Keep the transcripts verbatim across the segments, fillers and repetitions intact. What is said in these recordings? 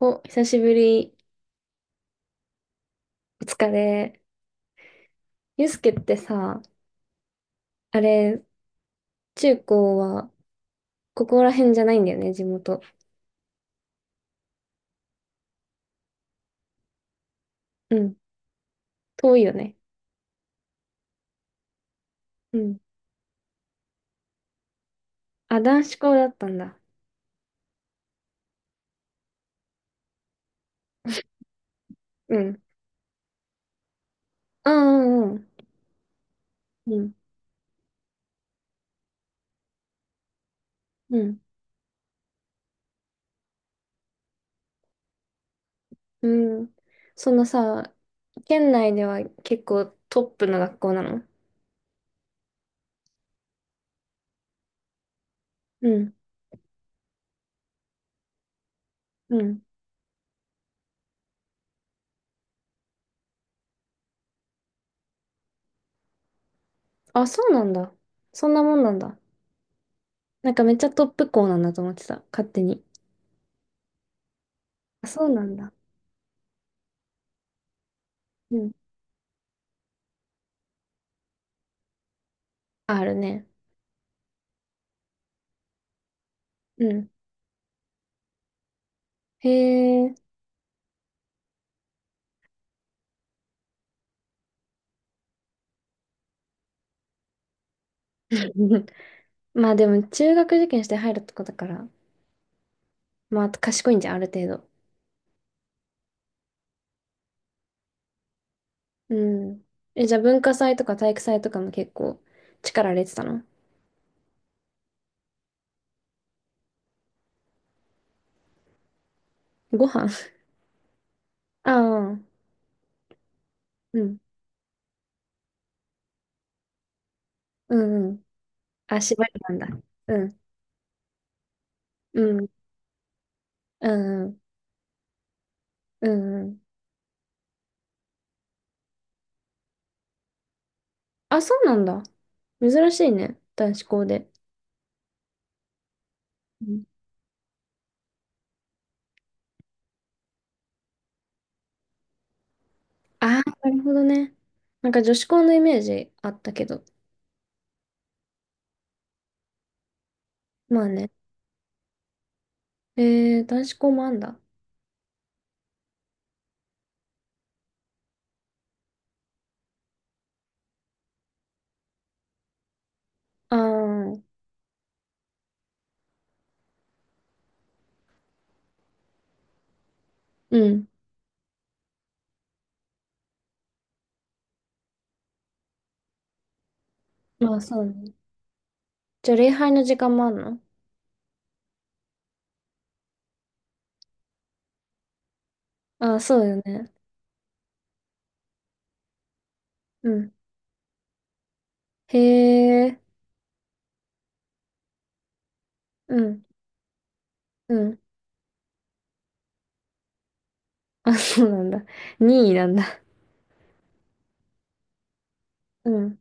お、久しぶり。お疲れ。ゆうすけってさ、あれ、中高は、ここら辺じゃないんだよね、地元。うん。遠いよね。うん。あ、男子校だったんだ。うん。うんうんうん。うん。うん。うん。そのさ、県内では結構トップの学校なの？うん。うん。あ、そうなんだ。そんなもんなんだ。なんかめっちゃトップ校なんだと思ってた。勝手に。あ、そうなんだ。うん。あるね。うん。へえ。まあでも中学受験して入るとこだから、まあ賢いんじゃん、ある程度。うん。え、じゃあ文化祭とか体育祭とかも結構力入れてたの？ご飯 ああ、うん。うんうん。あ、縛りなんだ。うん。うん。うんうん。うんうん。あ、そうなんだ。珍しいね。男子校で。うん。ああ、なるほどね。なんか女子校のイメージあったけど。まあね。えー、男子校もあんだ。ああ、うん。まあそうね。じゃあ礼拝の時間もあんの？あ、そうよね。うん。へえ。うん。うん。あ、そうなんだ。にいなんだ。うん。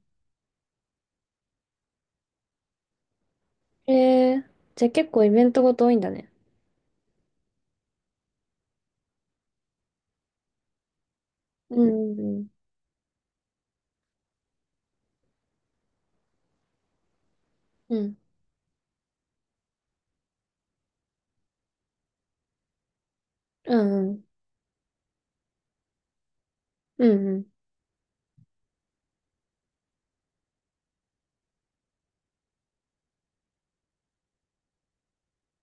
へえ。じゃあ結構イベントごと多いんだね。うん。うん。うん。うん。うん。うんうん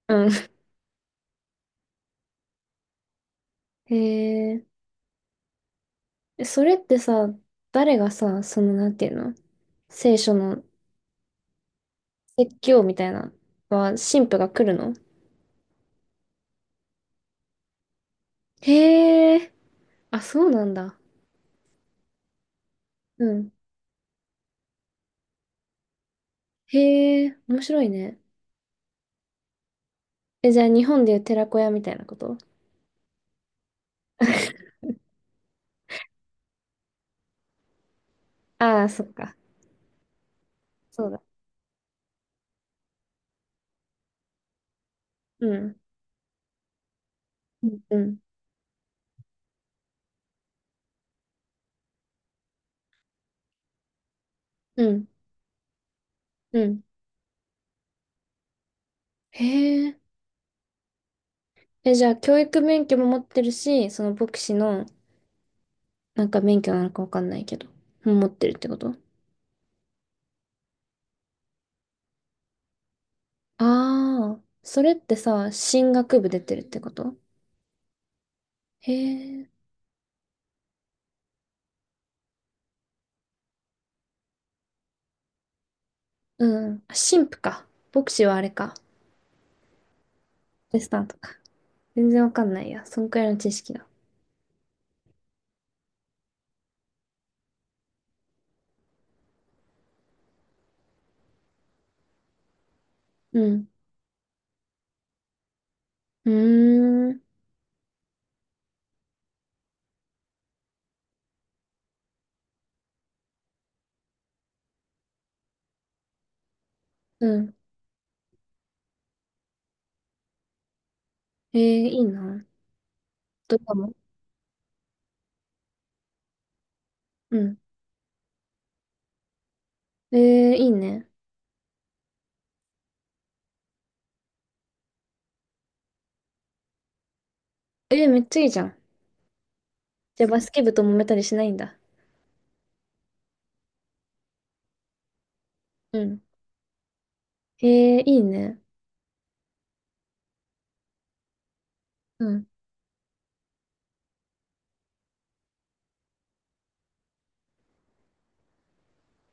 うん。 へえ。え、それってさ、誰がさ、その、なんていうの？聖書の説教みたいなのは、神父が来るの？へえ。あ、そうなんだ。うん。へえ。面白いね。え、じゃあ日本でいう寺子屋みたいなこと？ ああ、そっか。そうだね。うん。うん。うん。うん。うん。へえ。え、じゃあ、教育免許も持ってるし、その牧師の、なんか免許なのかわかんないけど、も持ってるってこと？ああー、それってさ、神学部出てるってこと？へえ。うん。あ、神父か。牧師はあれか。テスタンとか。全然わかんないや。そんくらいの知識だ。うん。うーん。うん。えー、いいな。どうかも。うん。えー、いいね。えー、めっちゃいいじゃん。じゃあ、バスケ部と揉めたりしないんだ。うん。ええ、いいね。うん。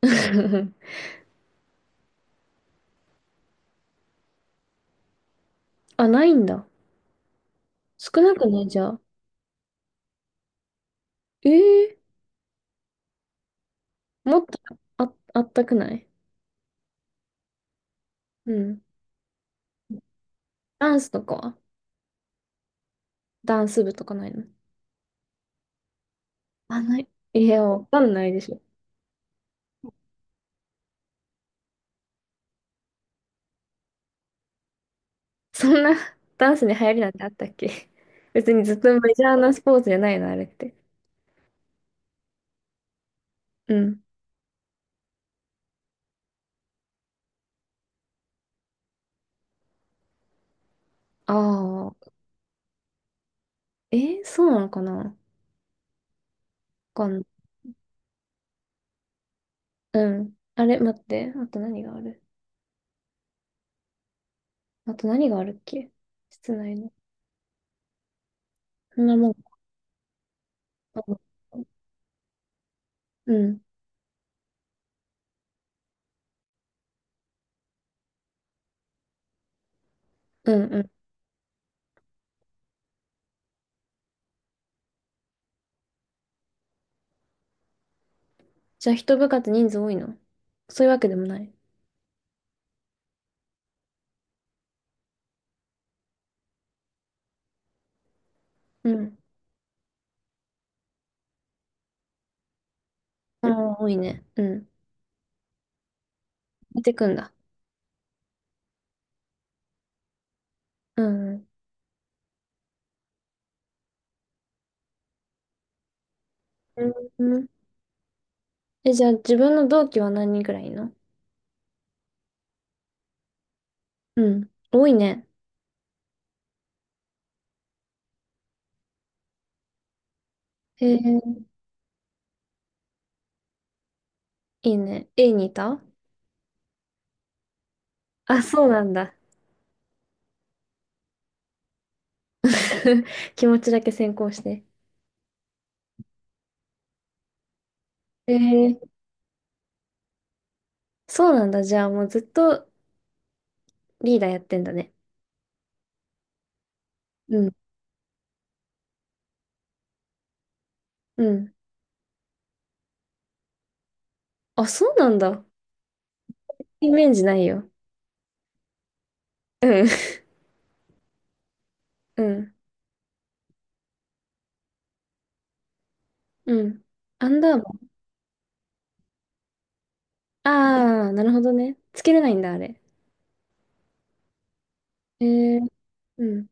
あ、ないんだ。少なくないじゃあ。ええもっと、あ、あったくない？うん。ダンスとかは？ダンス部とかないの？あ、ない。いや、わかんないでしょ。そんなダンスに流行りなんてあったっけ？別にずっとメジャーなスポーツじゃないの、あれって。うん。ああ、えー、そうなのかな、わかんない。うん。あれ、待って。あと何がある？あと何があるっけ？室内の。そんなもん。うん。うんうん。じゃあ一部活人数多いの？そういうわけでもない。うん。ああ、多いね。うん。出てくんだ。うん。うん。え、じゃあ自分の同期は何人くらいいるの？うん。多いね。へえ、いいね。A にいた？あ、そうなんだ。気持ちだけ先行して。へえ、そうなんだ。じゃあもうずっとリーダーやってんだね。うん。うん。あ、そうなんだ。イメージないよ。うん。うん。うん。アンダーバー。ああ、なるほどね。つけれないんだ、あれ。へえ。うん、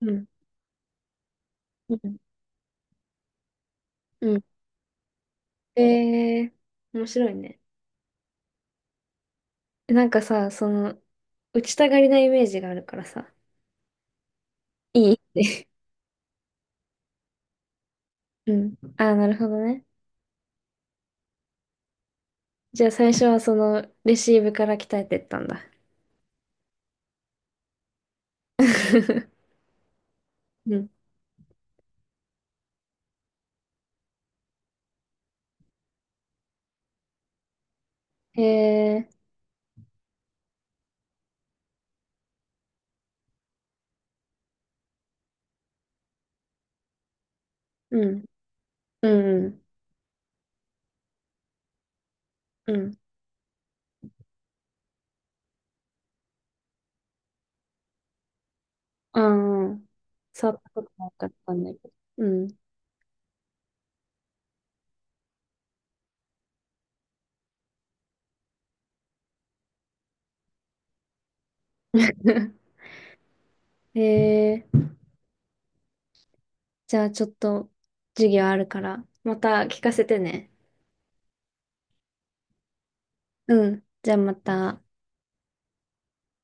うん、うん、うん。えー、面白いね。なんかさ、その、打ちたがりなイメージがあるからさ、いいって。うん。ああ、なるほどね。じゃあ最初はその、レシーブから鍛えてったんだ。うん。えー、うん、うん、うん。ああ、触ったことなかったんだけど。うん。えー、じゃあちょっと、授業あるから、また聞かせてね。うん。じゃあまた。